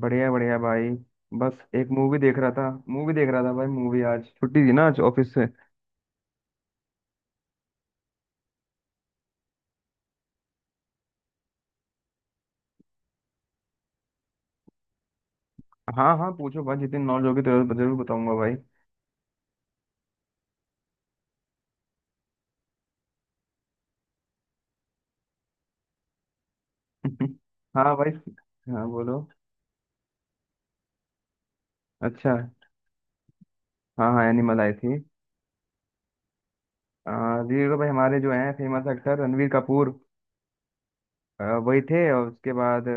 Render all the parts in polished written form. बढ़िया बढ़िया भाई। बस एक मूवी देख रहा था भाई। मूवी आज छुट्टी थी ना, आज ऑफिस से। हाँ हाँ, पूछो भाई, जितनी नॉलेज होगी तो जरूर बताऊंगा भाई। हाँ भाई। हाँ बोलो। अच्छा। हाँ हाँ, एनिमल आई थी। जी तो भाई, हमारे जो हैं फेमस एक्टर रणवीर कपूर। वही थे, और उसके बाद।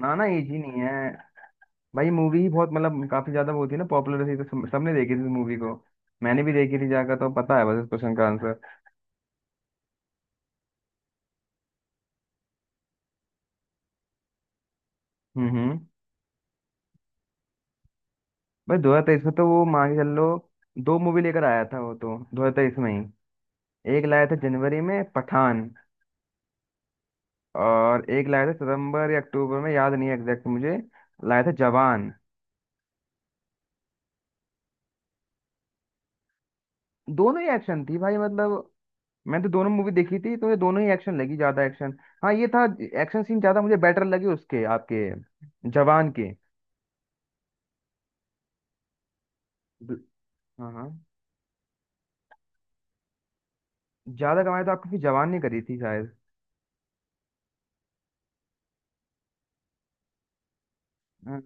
ना ना, ये जी नहीं है। भाई, मूवी ही बहुत, मतलब काफी ज्यादा वो थी ना, पॉपुलर थी तो सबने देखी थी मूवी को। मैंने भी देखी थी जाकर, तो पता है बस इस क्वेश्चन का आंसर। हम्म। भाई, 2023 में तो वो मान के चल लो, दो मूवी लेकर आया था वो तो 2023 में ही। एक लाया था जनवरी में, पठान। और एक लाया था सितंबर या अक्टूबर में, याद नहीं है एग्जैक्ट मुझे। लाया था जवान। दोनों ही एक्शन थी भाई, मतलब मैंने तो दोनों मूवी देखी थी, तो ये दोनों ही एक्शन लगी, ज्यादा एक्शन। हाँ ये था। एक्शन सीन ज्यादा मुझे बेटर लगे उसके, आपके जवान के। ब- हाँ हाँ। ज्यादा कमाई तो आपकी जवान ने करी थी शायद। हाँ।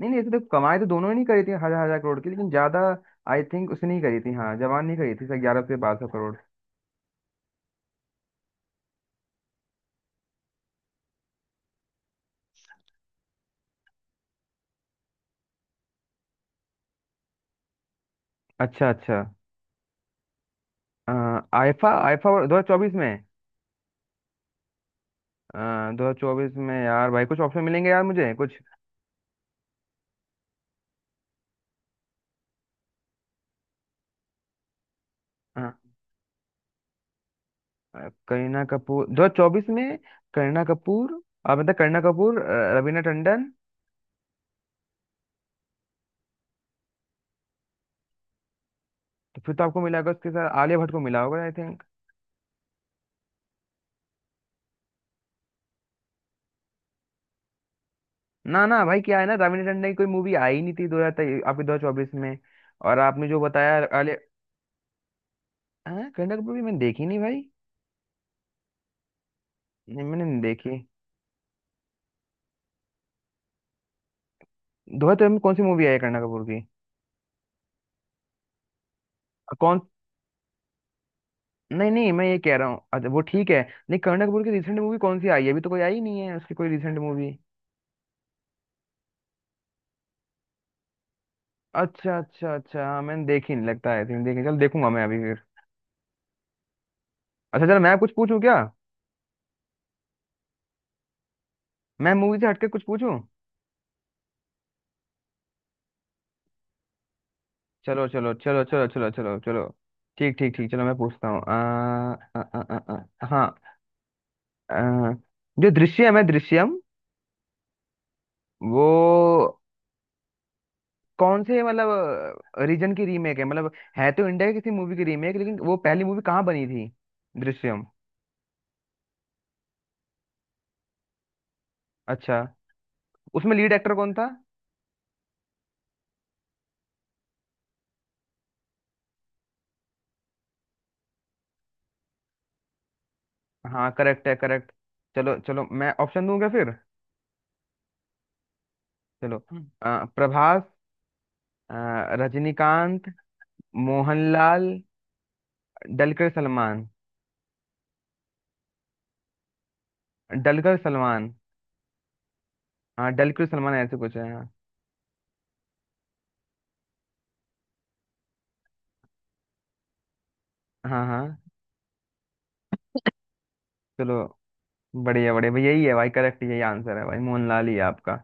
नहीं नहीं, ऐसे तो कमाई तो दोनों ही नहीं करी थी हजार हजार करोड़ की, लेकिन ज्यादा आई थिंक उसने नहीं करी थी। हाँ, जवान नहीं करी थी 1,100 से 1,200 करोड़। अच्छा अच्छा। अ, आईफा, आईफा 2024 में। अ, 2024 में यार भाई, कुछ ऑप्शन मिलेंगे यार मुझे कुछ। अ, करीना कपूर 2024 में। करीना कपूर। अब मतलब करीना कपूर, रवीना टंडन। तो फिर तो आपको मिला होगा, उसके साथ आलिया भट्ट को मिला होगा आई थिंक। ना ना भाई, क्या है ना, रवीना टंडन की कोई मूवी आई नहीं थी दो हजार आपके 2024 में। और आपने जो बताया, आलिया। हाँ करीना कपूर की मैंने देखी नहीं भाई। नहीं, मैंने नहीं देखी। दोहा तुम, कौन सी मूवी आई है करीना कपूर की? कौन, नहीं नहीं, मैं ये कह रहा हूँ अच्छा, वो ठीक है। नहीं, करीना कपूर की रिसेंट मूवी कौन सी आई है? अभी तो कोई आई नहीं है उसकी कोई रिसेंट मूवी। अच्छा अच्छा अच्छा। हाँ, मैंने देखी नहीं, लगता है तुमने देखी, चल देखूंगा मैं अभी फिर। अच्छा चलो, मैं कुछ पूछूं क्या? मैं मूवी से हटके कुछ पूछूं। चलो चलो चलो चलो चलो चलो चलो। ठीक ठीक ठीक। चलो मैं पूछता हूँ। आ, आ, आ, आ, आ, हाँ। आ, जो दृश्यम है, दृश्यम, वो कौन से, मतलब, रीजन की रीमेक है, मतलब है तो इंडिया की किसी मूवी की रीमेक, लेकिन वो पहली मूवी कहाँ बनी थी, दृश्यम? अच्छा। उसमें लीड एक्टर कौन था? हाँ करेक्ट है, करेक्ट। चलो चलो, मैं ऑप्शन दूंगा फिर। चलो, प्रभास, अ, रजनीकांत, मोहनलाल, डलकर सलमान। डलकर सलमान। हाँ डलकर सलमान ऐसे कुछ है, हाँ हाँ हाँ, चलो। बढ़िया बढ़िया भाई, यही है भाई, करेक्ट, यही आंसर है भाई, मोहनलाल ही है आपका।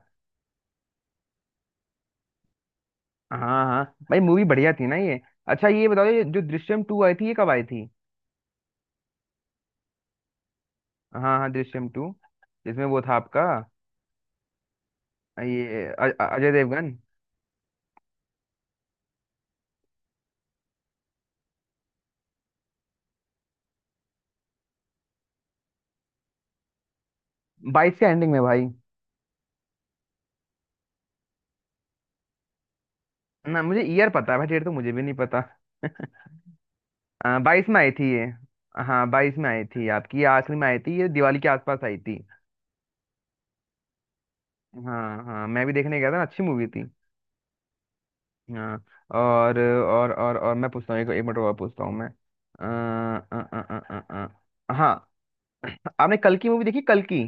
हाँ हाँ। भाई, मूवी बढ़िया थी ना ये। अच्छा, ये बताओ, ये जो दृश्यम टू आई थी, ये कब आई थी? हाँ हाँ, दृश्यम टू, जिसमें वो था आपका ये अजय देवगन। बाईस के एंडिंग में भाई। ना, मुझे ईयर पता है भाई, डेट तो मुझे भी नहीं पता। बाईस में आई थी ये। हाँ, बाईस में आई थी आपकी ये, आखिरी में आई थी ये, दिवाली के आसपास आई थी। हाँ हाँ, मैं भी देखने गया था ना, अच्छी मूवी थी। हाँ। और मैं पूछता हूँ, एक मिनट और पूछता हूँ मैं। हाँ। आपने कल की मूवी देखी, कल की?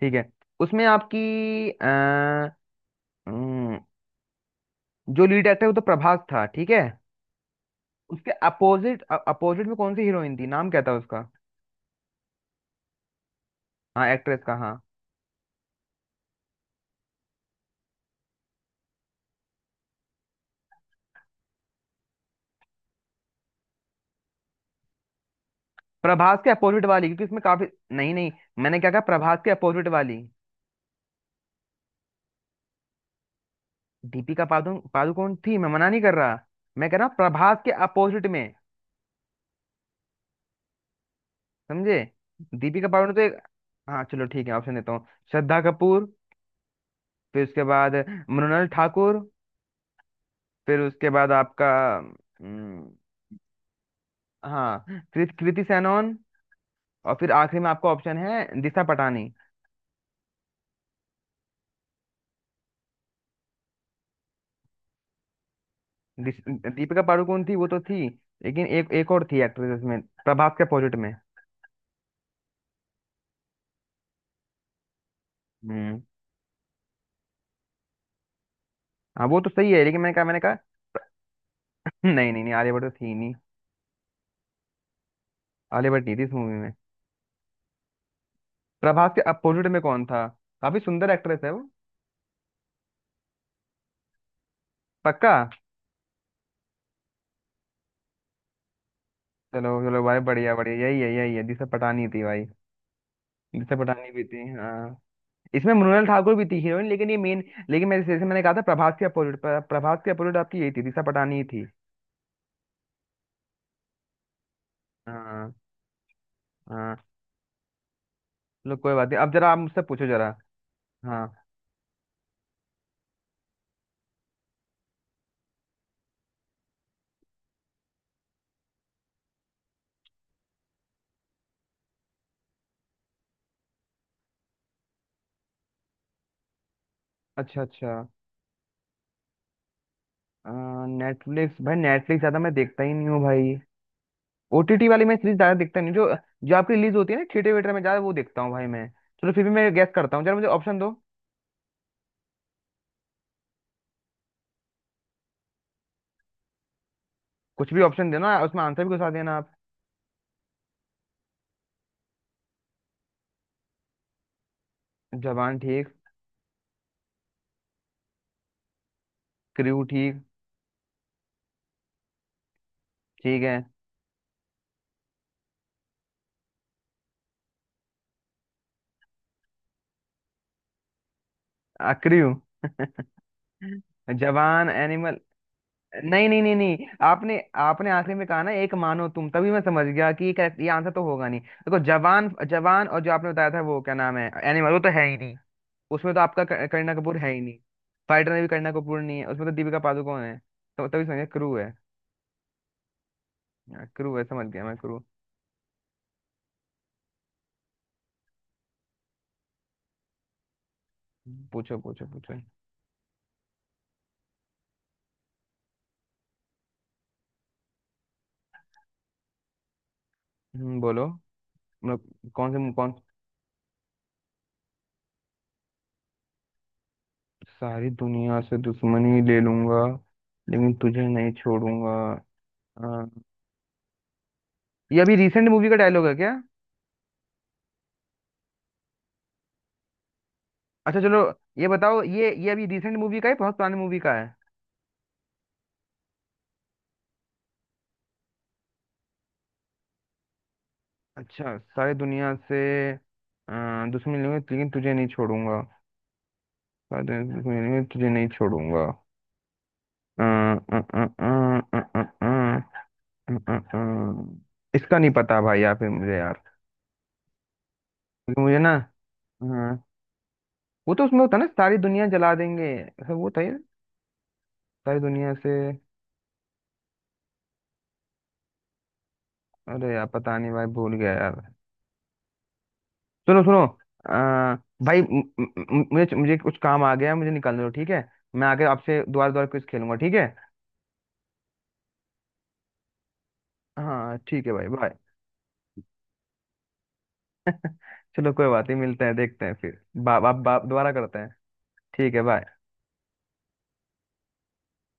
ठीक है। उसमें आपकी, अ, अम, जो लीड एक्टर है वो तो प्रभास था, ठीक है। उसके अपोजिट अपोजिट में कौन सी हीरोइन थी, नाम क्या था उसका? हाँ एक्ट्रेस का, हाँ। प्रभास के अपोजिट वाली, क्योंकि इसमें काफी। नहीं नहीं, मैंने क्या कहा, प्रभास के अपोजिट वाली। दीपिका पादुकोण थी, मैं मना नहीं कर रहा। मैं कह रहा हूँ प्रभास के अपोजिट में। समझे? दीपिका पादुकोण तो एक, हाँ, चलो ठीक है, ऑप्शन देता हूँ। श्रद्धा कपूर, फिर उसके बाद मृणाल ठाकुर, फिर उसके बाद आपका, हम्म, हाँ, कृति सेनन, और फिर आखिरी में आपका ऑप्शन है दिशा पटानी। दिश- दीपिका पादुकोण थी, वो तो थी, लेकिन एक एक और थी एक्ट्रेस में, प्रभास के अपोजिट में। हम्म। हाँ वो तो सही है, लेकिन मैंने कहा। हम्म, नहीं नहीं नहीं, आलिया भट्ट तो थी नहीं। आलिया भट्ट नहीं थी इस मूवी में। प्रभास के अपोजिट में कौन था? काफी सुंदर एक्ट्रेस है वो, पक्का। चलो चलो भाई, बढ़िया बढ़िया, यही है, यही है, दिशा पटानी थी भाई। दिशा पटानी भी थी हाँ। इसमें मृणाल ठाकुर भी थी हीरोइन, लेकिन ये मेन। लेकिन मैं, जैसे मैंने कहा था, प्रभास के अपोजिट, आपकी यही थी दिशा पटानी ही थी। हाँ हाँ। चलो कोई बात नहीं, अब जरा आप मुझसे पूछो जरा। हाँ। अच्छा अच्छा। नेटफ्लिक्स भाई, नेटफ्लिक्स ज्यादा मैं देखता ही नहीं हूँ भाई। ओटीटी वाली मैं सीरीज ज्यादा देखता नहीं, जो जो आपकी रिलीज होती है ना थिएटर वेटर में, ज्यादा वो देखता हूँ भाई मैं। चलो फिर भी मैं गैस करता हूँ, जरा मुझे ऑप्शन दो। कुछ भी ऑप्शन देना, उसमें आंसर भी घुसा देना आप। जवान ठीक, क्रू ठीक, ठीक है। क्रू। जवान, एनिमल। नहीं नहीं नहीं नहीं, आपने आपने आखिरी में कहा ना एक मानो तुम, तभी मैं समझ गया कि ये आंसर तो होगा नहीं। देखो, जवान जवान, और जो आपने बताया था वो क्या नाम है, एनिमल, वो तो है ही नहीं। उसमें तो आपका करीना कपूर है ही नहीं। फाइटर में भी करीना कपूर नहीं है, उसमें तो दीपिका पादुकोण है, तो तभी समझ गया क्रू है। हाँ, क्रू है, समझ गया मैं क्रू। पूछो पूछो पूछो। बोलो। मतलब कौन से, कौन। सारी दुनिया से दुश्मनी ले लूंगा लेकिन तुझे नहीं छोड़ूंगा। अ, ये अभी रिसेंट मूवी का डायलॉग है क्या? अच्छा चलो, ये बताओ ये अभी रिसेंट मूवी का है, बहुत पुरानी मूवी का है? अच्छा, सारी दुनिया से अ, दुश्मनी लूंगी लेकिन तुझे नहीं छोड़ूंगा। सारी दुनिया से दुश्मनी लूंगी तुझे नहीं छोड़ूंगा। अ, अ, अ, अ, अ, अ, अ, इसका नहीं पता भाई, यहाँ पे मुझे यार। क्योंकि मुझे ना, हाँ, वो तो उसमें होता है ना, सारी दुनिया जला देंगे, ऐसा वो था ये। सारी दुनिया से। अरे यार, पता नहीं भाई, भूल गया यार। सुनो सुनो। आ, भाई, मुझे मुझे कुछ काम आ गया है, मुझे निकलने दो ठीक है। मैं आके आपसे दोबारा दोबारा कुछ खेलूंगा ठीक है। हाँ ठीक है भाई, बाय। चलो कोई बात नहीं, मिलते हैं, देखते हैं फिर, बा, बा, बा, दोबारा करते हैं। ठीक है बाय।